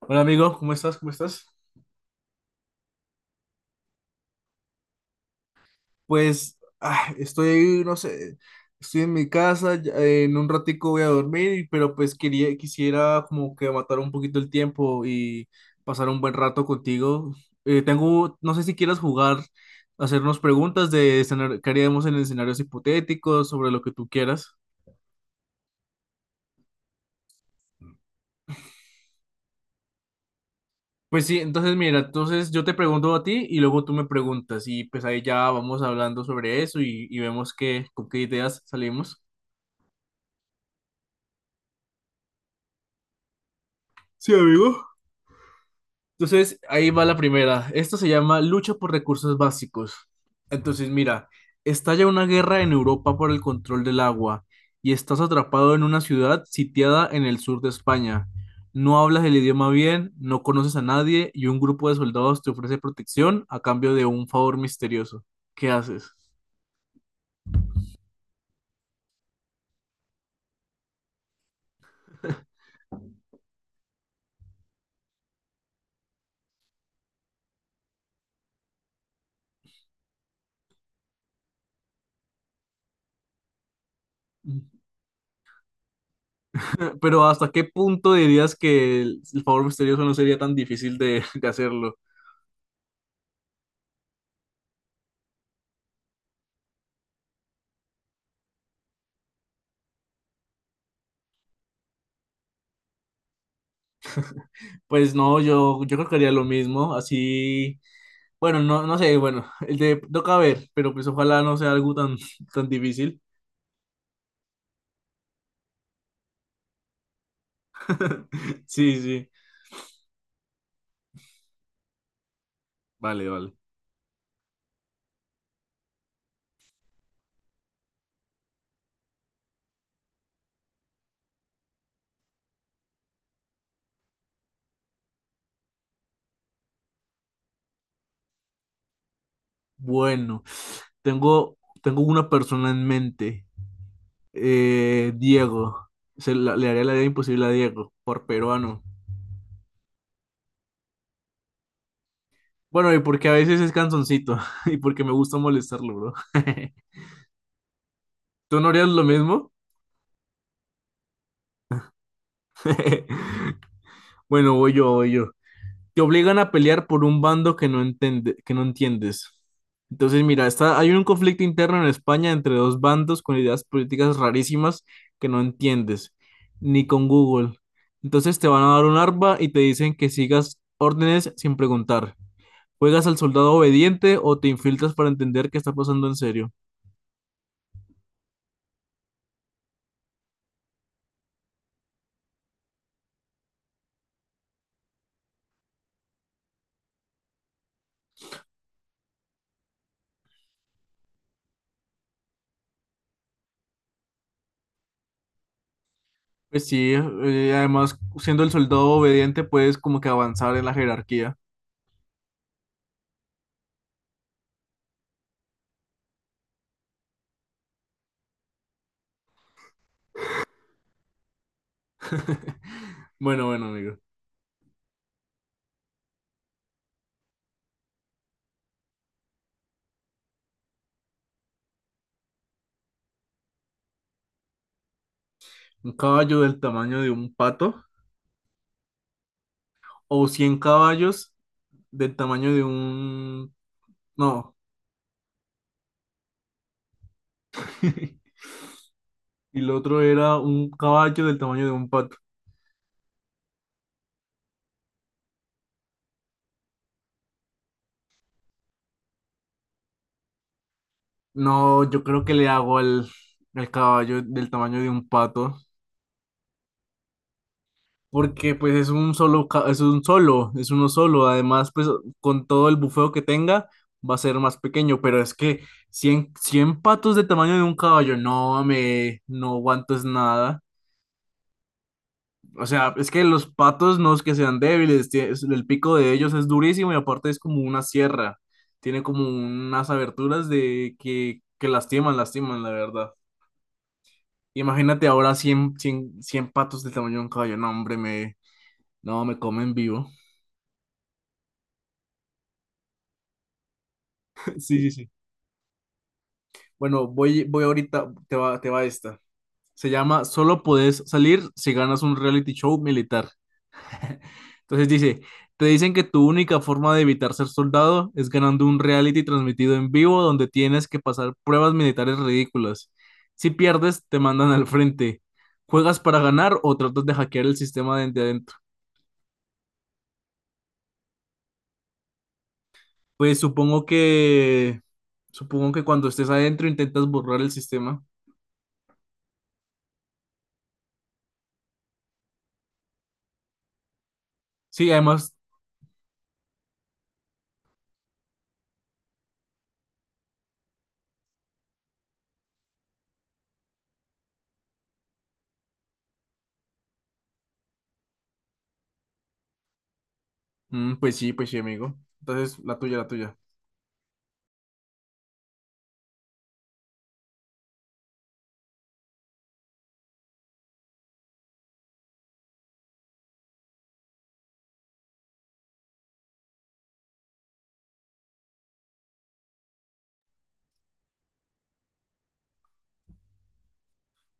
Hola amigo, ¿cómo estás? ¿Cómo estás? Estoy, no sé, estoy en mi casa, en un ratico voy a dormir, pero pues quisiera como que matar un poquito el tiempo y pasar un buen rato contigo. Tengo, no sé si quieras jugar, hacernos preguntas que haríamos en escenarios hipotéticos, sobre lo que tú quieras. Pues sí, entonces mira, entonces yo te pregunto a ti y luego tú me preguntas y pues ahí ya vamos hablando sobre eso y vemos qué, con qué ideas salimos. Sí, amigo. Entonces, ahí va la primera. Esto se llama lucha por recursos básicos. Entonces, mira, estalla una guerra en Europa por el control del agua y estás atrapado en una ciudad sitiada en el sur de España. No hablas el idioma bien, no conoces a nadie y un grupo de soldados te ofrece protección a cambio de un favor misterioso. ¿Qué haces? Pero ¿hasta qué punto dirías que el favor misterioso no sería tan difícil de, de hacerlo? Pues no, yo creo que haría lo mismo, así. Bueno, no, no sé, bueno, el de toca ver, pero pues ojalá no sea algo tan, tan difícil. Sí, sí. Vale, vale. Bueno, tengo, tengo una persona en mente. Diego. Le haría la idea imposible a Diego, por peruano. Bueno, y porque a veces es canzoncito y porque me gusta molestarlo, bro. ¿Tú no harías lo mismo? Bueno, voy yo. Te obligan a pelear por un bando que no entiendes. Entonces, mira, hay un conflicto interno en España entre dos bandos con ideas políticas rarísimas que no entiendes, ni con Google. Entonces te van a dar un arma y te dicen que sigas órdenes sin preguntar. ¿Juegas al soldado obediente o te infiltras para entender qué está pasando en serio? Pues sí, además, siendo el soldado obediente, puedes como que avanzar en la jerarquía. Bueno, bueno, amigo. Un caballo del tamaño de un pato o 100 caballos del tamaño de un... No, y el otro era un caballo del tamaño de un pato. No, yo creo que al caballo del tamaño de un pato, porque pues es un solo, ca- es un solo, es uno solo. Además, pues con todo el bufeo que tenga, va a ser más pequeño, pero es que 100 patos del tamaño de un caballo, no, me, no aguanto es nada. O sea, es que los patos no es que sean débiles, el pico de ellos es durísimo y aparte es como una sierra. Tiene como unas aberturas de que lastiman, lastiman, la verdad. Imagínate ahora 100 patos del tamaño de un caballo. No, hombre, me, no, me comen vivo. Sí, sí, sí. Bueno, voy ahorita, te va esta. Se llama Solo podés salir si ganas un reality show militar. Entonces dice, te dicen que tu única forma de evitar ser soldado es ganando un reality transmitido en vivo donde tienes que pasar pruebas militares ridículas. Si pierdes, te mandan al frente. ¿Juegas para ganar o tratas de hackear el sistema desde adentro? Pues supongo que Supongo que cuando estés adentro intentas borrar el sistema. Sí, además, mm, pues sí, amigo. Entonces, la tuya.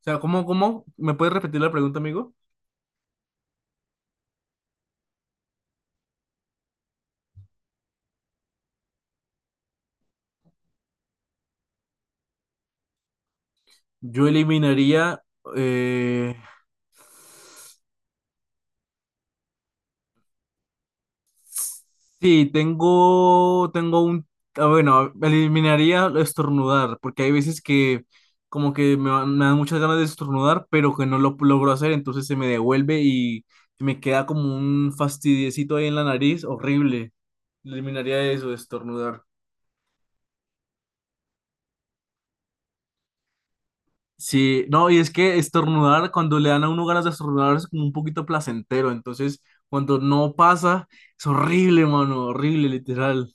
O sea, ¿cómo, cómo? ¿Me puedes repetir la pregunta, amigo? Yo eliminaría eh, sí, tengo un, ah, bueno, eliminaría estornudar, porque hay veces que como que me dan muchas ganas de estornudar, pero que no lo logro hacer, entonces se me devuelve y me queda como un fastidiecito ahí en la nariz, horrible. Eliminaría eso, estornudar. Sí, no, y es que estornudar, cuando le dan a uno ganas de estornudar es como un poquito placentero, entonces cuando no pasa, es horrible, mano, horrible, literal.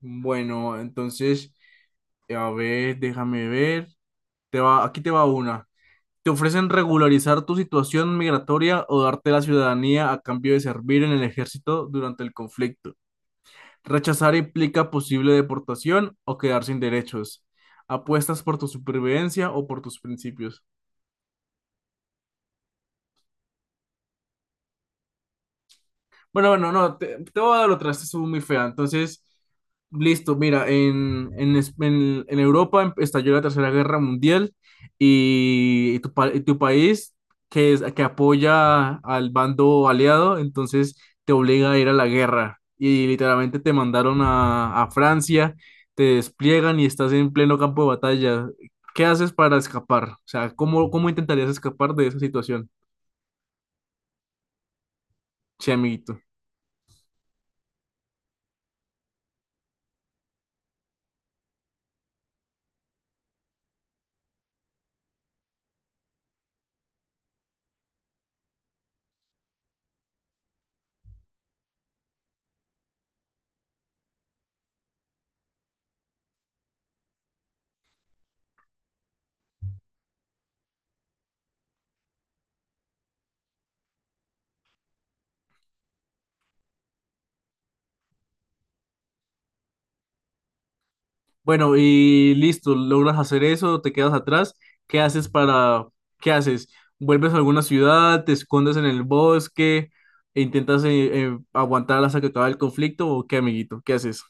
Bueno, entonces... A ver, déjame ver. Te va, aquí te va una. Te ofrecen regularizar tu situación migratoria o darte la ciudadanía a cambio de servir en el ejército durante el conflicto. Rechazar implica posible deportación o quedar sin derechos. Apuestas por tu supervivencia o por tus principios. Bueno, bueno, no, te voy a dar otra, esta estuvo muy fea. Entonces, listo, mira, en Europa estalló la Tercera Guerra Mundial y y tu país, que apoya al bando aliado, entonces te obliga a ir a la guerra. Y literalmente te mandaron a Francia, te despliegan y estás en pleno campo de batalla. ¿Qué haces para escapar? O sea, ¿cómo, cómo intentarías escapar de esa situación? Che, amiguito. Bueno, y listo, logras hacer eso, te quedas atrás. ¿Qué haces para... ¿Qué haces? ¿Vuelves a alguna ciudad? ¿Te escondes en el bosque? E ¿Intentas aguantar hasta que acabe el conflicto? ¿O qué, amiguito? ¿Qué haces?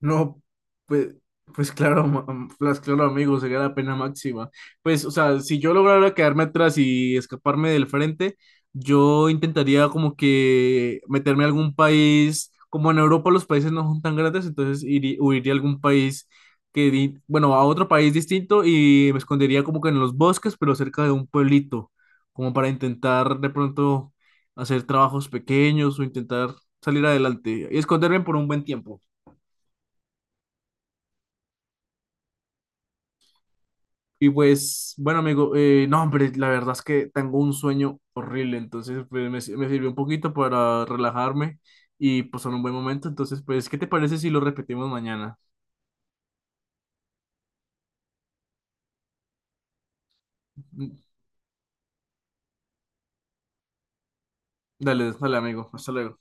No, pues, pues claro, pues claro, amigo, sería la pena máxima. Pues, o sea, si yo lograra quedarme atrás y escaparme del frente, yo intentaría como que meterme a algún país, como en Europa los países no son tan grandes, entonces huiría a algún país bueno, a otro país distinto y me escondería como que en los bosques, pero cerca de un pueblito, como para intentar de pronto hacer trabajos pequeños o intentar salir adelante y esconderme por un buen tiempo. Y pues, bueno, amigo, no, hombre, la verdad es que tengo un sueño horrible, entonces pues, me, si- me sirvió un poquito para relajarme y pues en un buen momento, entonces pues, ¿qué te parece si lo repetimos mañana? Mm, dale, dale, amigo, hasta luego.